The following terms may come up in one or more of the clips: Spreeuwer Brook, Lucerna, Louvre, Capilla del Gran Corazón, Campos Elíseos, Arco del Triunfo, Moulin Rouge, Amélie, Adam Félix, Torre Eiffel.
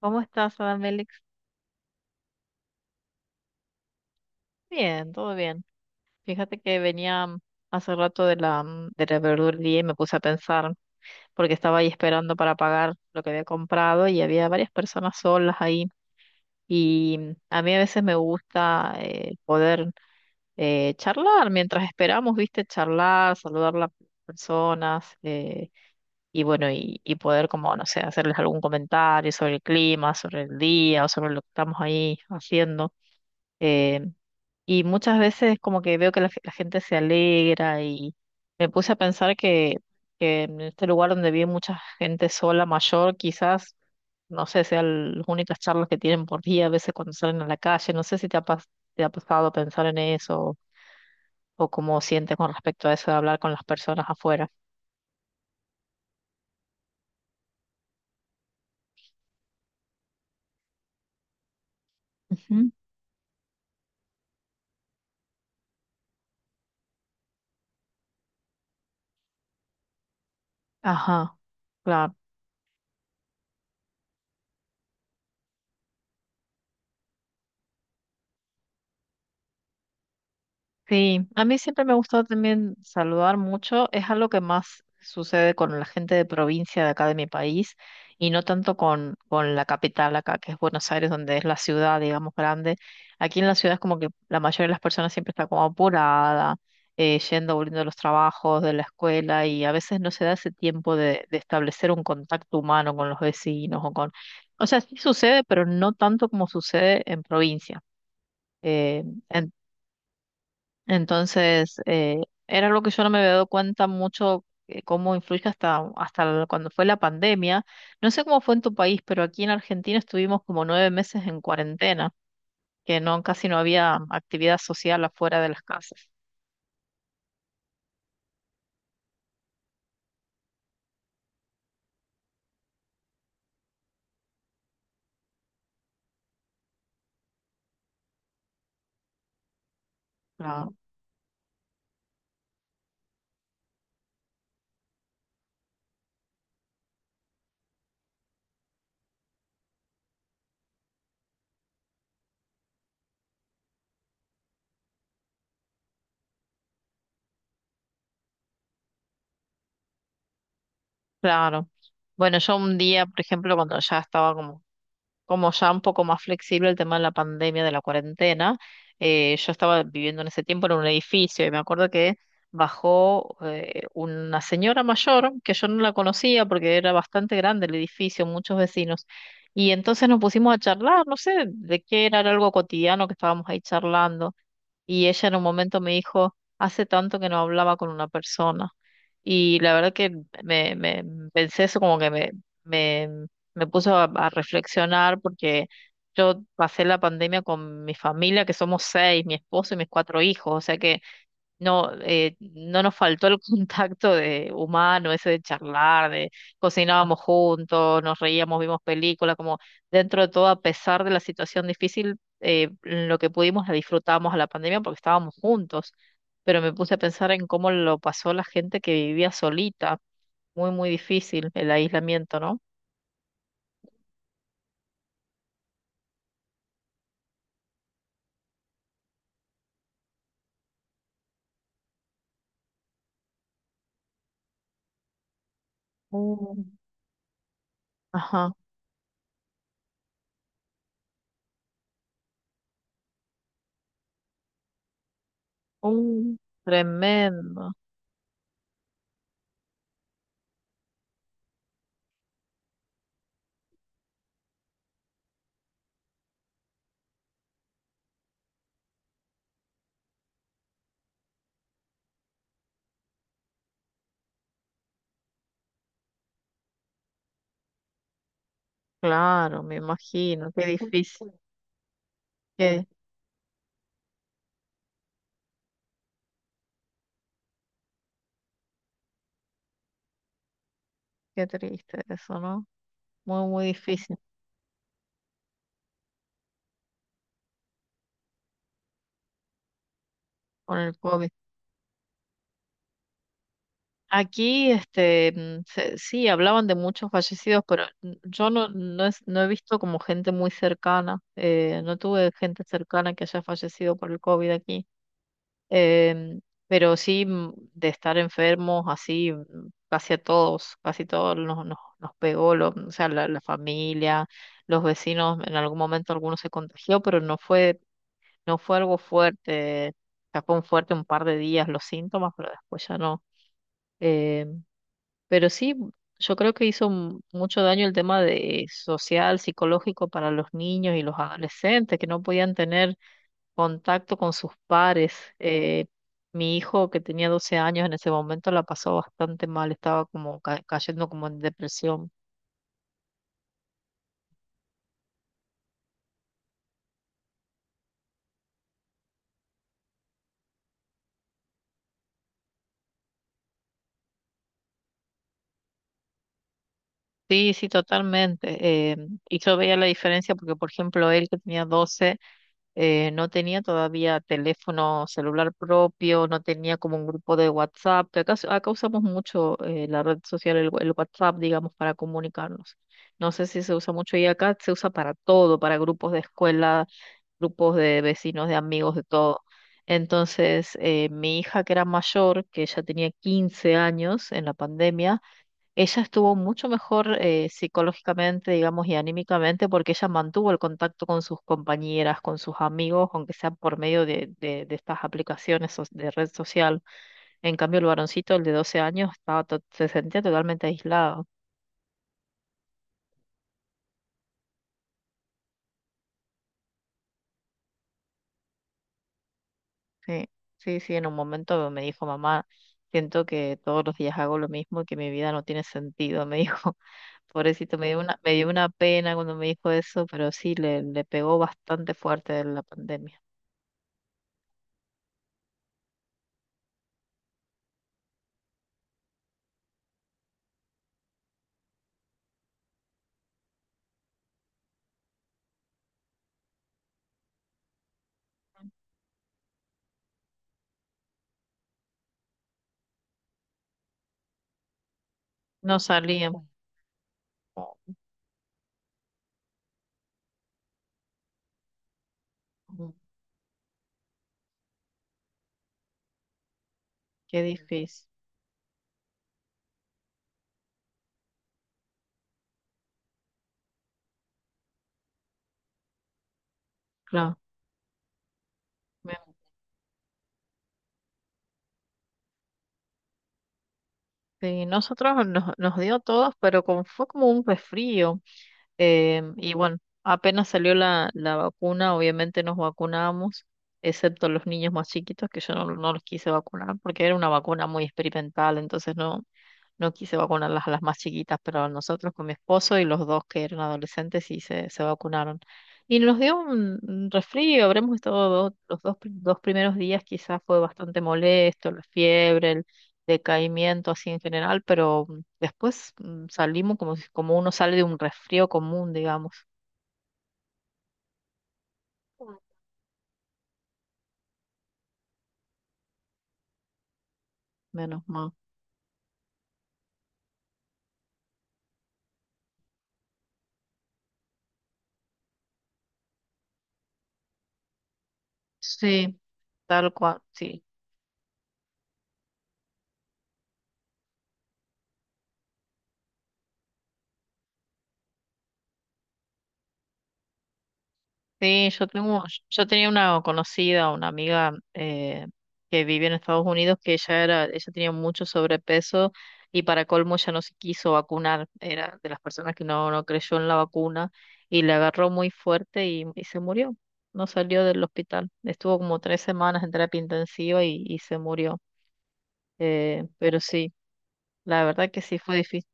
¿Cómo estás, Adam Félix? Bien, todo bien. Fíjate que venía hace rato de la verdulería y me puse a pensar, porque estaba ahí esperando para pagar lo que había comprado y había varias personas solas ahí. Y a mí a veces me gusta poder charlar mientras esperamos, ¿viste? Charlar, saludar a las personas, y bueno, y poder como, no sé, hacerles algún comentario sobre el clima, sobre el día o sobre lo que estamos ahí haciendo. Eh, y muchas veces como que veo que la gente se alegra y me puse a pensar que en este lugar donde vive mucha gente sola, mayor, quizás, no sé, sean las únicas charlas que tienen por día, a veces cuando salen a la calle, no sé si te ha pasado pensar en eso o cómo sientes con respecto a eso de hablar con las personas afuera. Ujú. Ajá, claro. Sí, a mí siempre me ha gustado también saludar mucho. Es algo que más sucede con la gente de provincia de acá de mi país y no tanto con la capital acá, que es Buenos Aires, donde es la ciudad, digamos, grande. Aquí en la ciudad es como que la mayoría de las personas siempre está como apurada, yendo, volviendo de los trabajos, de la escuela y a veces no se da ese tiempo de establecer un contacto humano con los vecinos O sea, sí sucede, pero no tanto como sucede en provincia. Eh, entonces, era algo que yo no me había dado cuenta mucho cómo influye hasta cuando fue la pandemia. No sé cómo fue en tu país, pero aquí en Argentina estuvimos como 9 meses en cuarentena, que no, casi no había actividad social afuera de las casas. Claro. Claro. Bueno, yo un día, por ejemplo, cuando ya estaba como ya un poco más flexible el tema de la pandemia, de la cuarentena, yo estaba viviendo en ese tiempo en un edificio y me acuerdo que bajó una señora mayor que yo no la conocía porque era bastante grande el edificio, muchos vecinos. Y entonces nos pusimos a charlar, no sé de qué era, era algo cotidiano que estábamos ahí charlando. Y ella en un momento me dijo, hace tanto que no hablaba con una persona. Y la verdad que pensé eso como que me, me puso a reflexionar porque yo pasé la pandemia con mi familia, que somos seis, mi esposo y mis cuatro hijos. O sea que no, no nos faltó el contacto de humano, ese de charlar, de cocinábamos juntos, nos reíamos, vimos películas, como dentro de todo, a pesar de la situación difícil, lo que pudimos la disfrutamos a la pandemia porque estábamos juntos. Pero me puse a pensar en cómo lo pasó la gente que vivía solita. Muy, muy difícil el aislamiento, ¿no? Mm, ajá. Un tremendo. Claro, me imagino. Qué difícil. Qué, qué triste eso, ¿no? Muy, muy difícil con el COVID. Aquí, este, sí, hablaban de muchos fallecidos, pero yo no he visto como gente muy cercana. No tuve gente cercana que haya fallecido por el COVID aquí. Em, pero sí, de estar enfermos, así, casi a todos, casi todos nos pegó, o sea, la familia, los vecinos, en algún momento algunos se contagió, pero no fue algo fuerte, o fue un fuerte un par de días los síntomas, pero después ya no. Eh, pero sí, yo creo que hizo mucho daño el tema de social, psicológico para los niños y los adolescentes que no podían tener contacto con sus pares. Eh, mi hijo que tenía 12 años en ese momento la pasó bastante mal, estaba como cayendo como en depresión. Sí, sí, totalmente. Y yo veía la diferencia porque, por ejemplo, él que tenía 12 no tenía todavía teléfono celular propio, no tenía como un grupo de WhatsApp, que acá, acá usamos mucho la red social, el WhatsApp, digamos, para comunicarnos. No sé si se usa mucho y acá se usa para todo, para grupos de escuela, grupos de vecinos, de amigos, de todo. Entonces, mi hija que era mayor, que ya tenía 15 años en la pandemia, ella estuvo mucho mejor psicológicamente, digamos, y anímicamente porque ella mantuvo el contacto con sus compañeras, con sus amigos, aunque sea por medio de estas aplicaciones de red social. En cambio, el varoncito, el de 12 años, estaba se sentía totalmente aislado. Sí, sí, sí, en un momento me dijo, mamá, siento que todos los días hago lo mismo y que mi vida no tiene sentido, me dijo. Pobrecito, me dio una pena cuando me dijo eso, pero sí, le pegó bastante fuerte la pandemia. No salía. Mm. Qué difícil, claro. Me- Sí, nosotros nos dio a todos, pero como fue como un resfrío, y bueno, apenas salió la vacuna, obviamente nos vacunamos, excepto los niños más chiquitos, que yo no los quise vacunar porque era una vacuna muy experimental, entonces No quise vacunarlas a las más chiquitas, pero nosotros con mi esposo y los dos que eran adolescentes sí se vacunaron. Y nos dio un resfrío, habremos estado dos primeros días quizás fue bastante molesto, la fiebre, el decaimiento así en general, pero después salimos como, como uno sale de un resfrío común, digamos, menos mal. Sí, tal cual, sí. Sí, yo tenía una conocida, una amiga que vivía en Estados Unidos, que ella era, ella tenía mucho sobrepeso y para colmo ella no se quiso vacunar, era de las personas que no creyó en la vacuna y le agarró muy fuerte y se murió, no salió del hospital, estuvo como 3 semanas en terapia intensiva y se murió, pero sí, la verdad que sí fue difícil.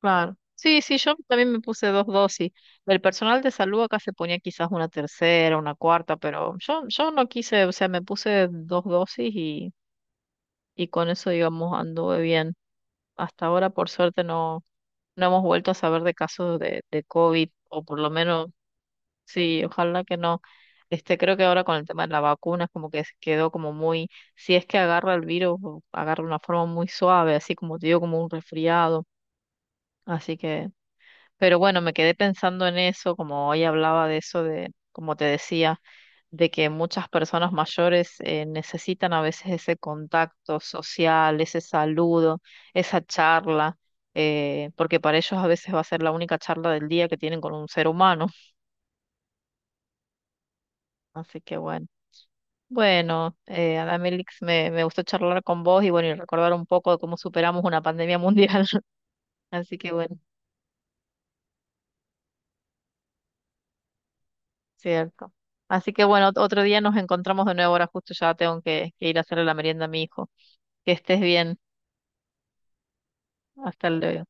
Claro. Sí, sí, yo también me puse dos dosis. El personal de salud acá se ponía quizás una tercera, una cuarta, pero yo no quise, o sea, me puse dos dosis y con eso, digamos, anduve bien. Hasta ahora, por suerte, no hemos vuelto a saber de casos de COVID, o por lo menos, sí, ojalá que no. Este, creo que ahora con el tema de la vacuna es como que se quedó como muy, si es que agarra el virus, o agarra de una forma muy suave, así como te digo, como un resfriado. Así que pero bueno, me quedé pensando en eso, como hoy hablaba de eso, de, como te decía, de que muchas personas mayores necesitan a veces ese contacto social, ese saludo, esa charla, porque para ellos a veces va a ser la única charla del día que tienen con un ser humano. Así que bueno. Bueno, Adamelix, me gustó charlar con vos y bueno, y recordar un poco de cómo superamos una pandemia mundial. Así que bueno. Cierto. Así que bueno, otro día nos encontramos de nuevo. Ahora justo ya tengo que ir a hacerle la merienda a mi hijo. Que estés bien. Hasta luego.